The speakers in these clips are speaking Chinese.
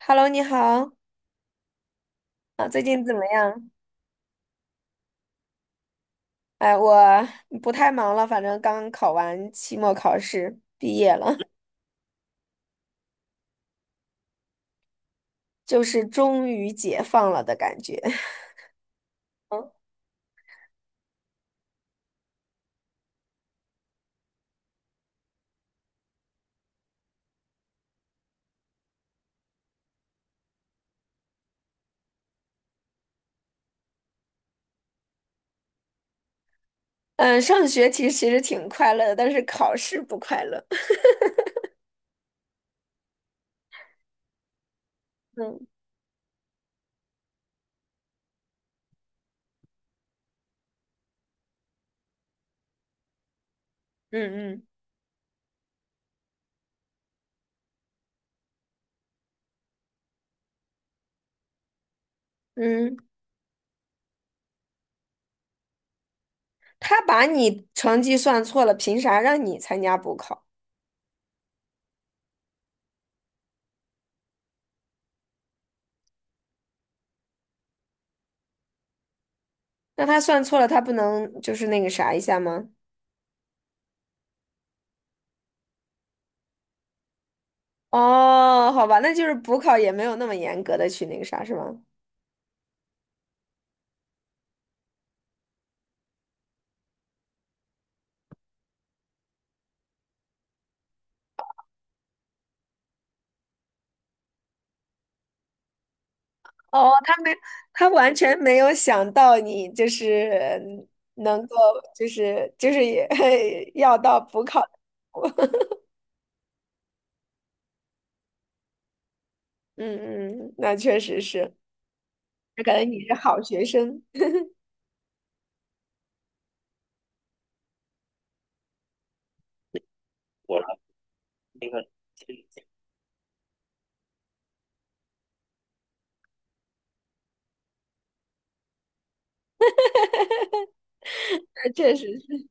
Hello，你好，啊，最近怎么样？哎，我不太忙了，反正刚考完期末考试，毕业了。就是终于解放了的感觉。嗯，上学其实挺快乐的，但是考试不快乐。嗯嗯嗯嗯，他把你成绩算错了，凭啥让你参加补考？那他算错了，他不能就是那个啥一下吗？哦，好吧，那就是补考也没有那么严格的去那个啥，是吗？哦，他完全没有想到你就是能够，就是也 要到补考，嗯嗯，那确实是，那感觉你是好学生，确实是。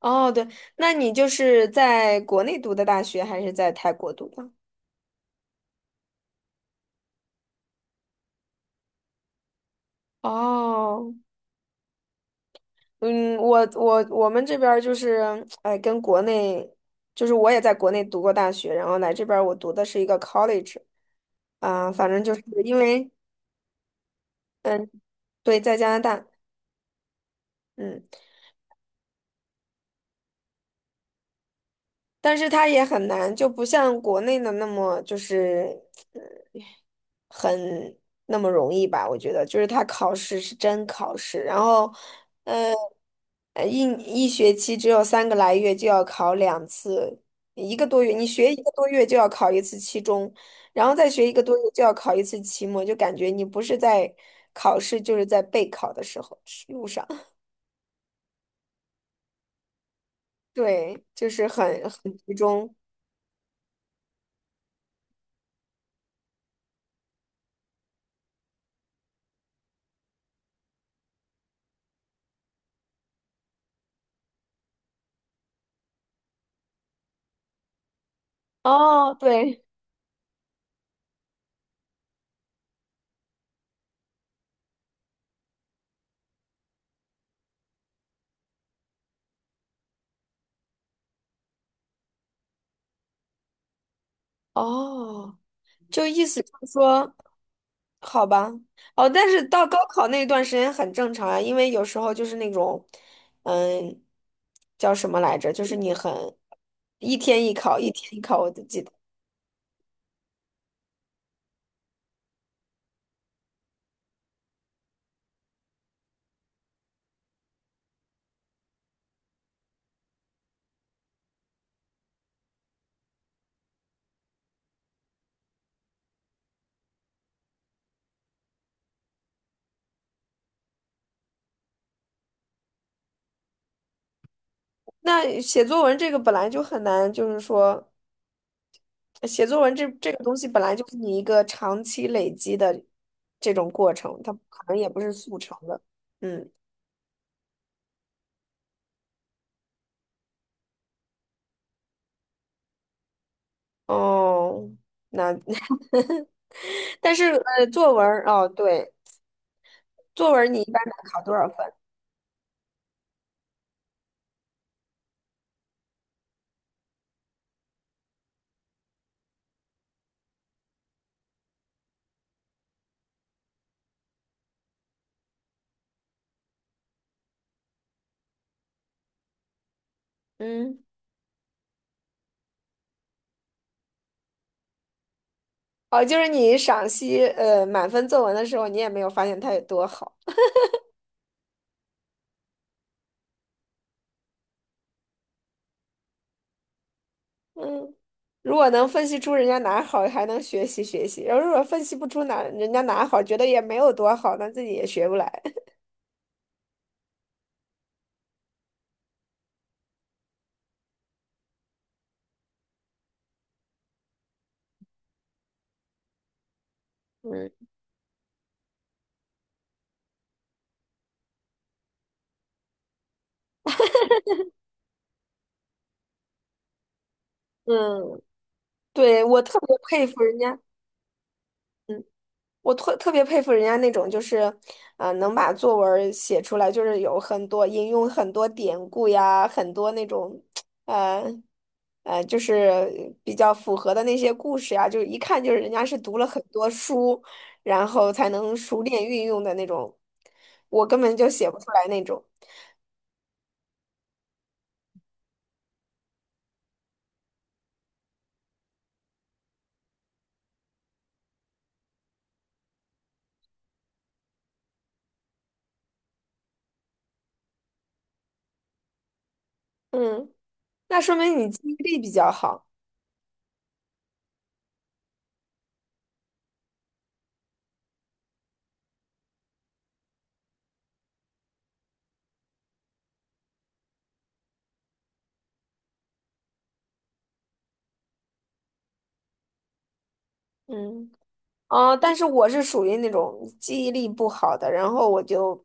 哦，对，那你就是在国内读的大学，还是在泰国读的？哦，嗯，我们这边儿就是，哎，跟国内，就是我也在国内读过大学，然后来这边儿我读的是一个 college，啊、反正就是因为。嗯。对，在加拿大，嗯，但是它也很难，就不像国内的那么就是呃很那么容易吧？我觉得，就是他考试是真考试，然后，呃，呃一一学期只有3个来月就要考2次，一个多月，你学一个多月就要考一次期中，然后再学一个多月就要考一次期末，就感觉你不是在考试，就是在备考的时候路上。对，就是很集中。哦，对，哦，就意思就是说，好吧。哦，但是到高考那段时间很正常啊，因为有时候就是那种，嗯，叫什么来着，就是你很一天一考，一天一考，我就记得。那写作文这个本来就很难，就是说写作文这个东西本来就是你一个长期累积的这种过程，它可能也不是速成的，嗯。哦，那 但是作文儿哦，对。作文你一般能考多少分？嗯，哦，就是你赏析满分作文的时候，你也没有发现它有多好。嗯，如果能分析出人家哪好，还能学习学习；然后如果分析不出哪人家哪好，觉得也没有多好，那自己也学不来。嗯，嗯，对，我特别佩服人家。我特别佩服人家那种，就是，能把作文儿写出来，就是有很多引用很多典故呀，很多那种，呃，就是比较符合的那些故事呀，就是一看就是人家是读了很多书，然后才能熟练运用的那种，我根本就写不出来那种。嗯，那说明你记忆力比较好。嗯。啊，但是我是属于那种记忆力不好的，然后我就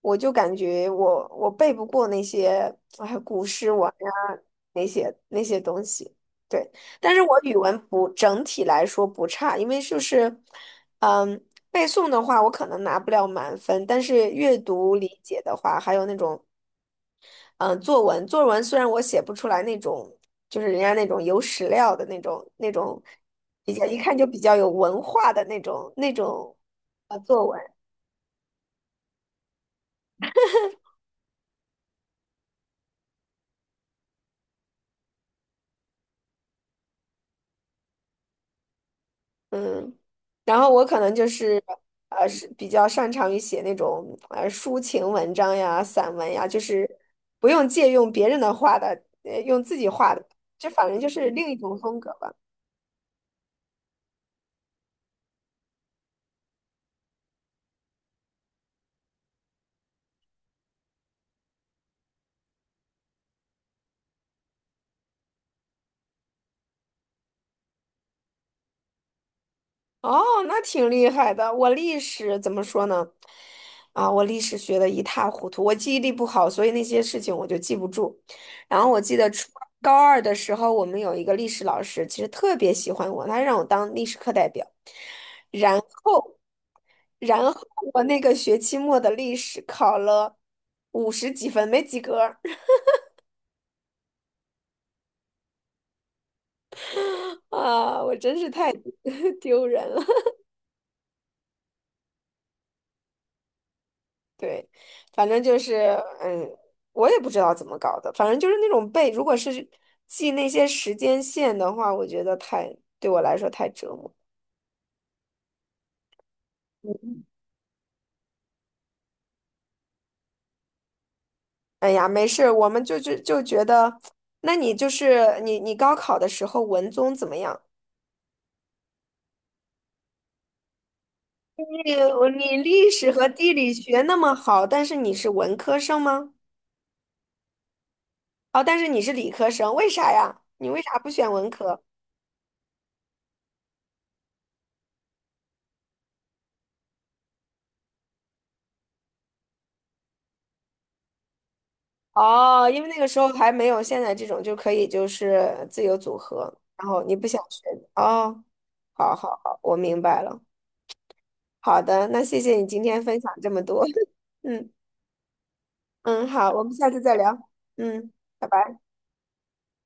我就感觉我背不过那些哎古诗文呀那些东西，对。但是我语文不整体来说不差，因为就是嗯背诵的话，我可能拿不了满分，但是阅读理解的话，还有那种作文，作文虽然我写不出来那种，就是人家那种有史料的那种，比较一看就比较有文化的那种作文。嗯，然后我可能就是是比较擅长于写那种抒情文章呀、散文呀，就是不用借用别人的话的，用自己画的，这反正就是另一种风格吧。哦，那挺厉害的。我历史怎么说呢？啊，我历史学的一塌糊涂，我记忆力不好，所以那些事情我就记不住。然后我记得初高二的时候，我们有一个历史老师，其实特别喜欢我，他让我当历史课代表。然后，然后我那个学期末的历史考了五十几分，没及格儿。 啊，我真是太 丢人了。对，反正就是，嗯，我也不知道怎么搞的，反正就是那种背，如果是记那些时间线的话，我觉得太，对我来说太折磨。哎呀，没事儿我们就觉得，那你就是你高考的时候文综怎么样？你历史和地理学那么好，但是你是文科生吗？哦，但是你是理科生，为啥呀？你为啥不选文科？哦，因为那个时候还没有现在这种就可以就是自由组合，然后你不想学。哦，好好好，我明白了。好的，那谢谢你今天分享这么多。嗯嗯，好，我们下次再聊。嗯，拜拜。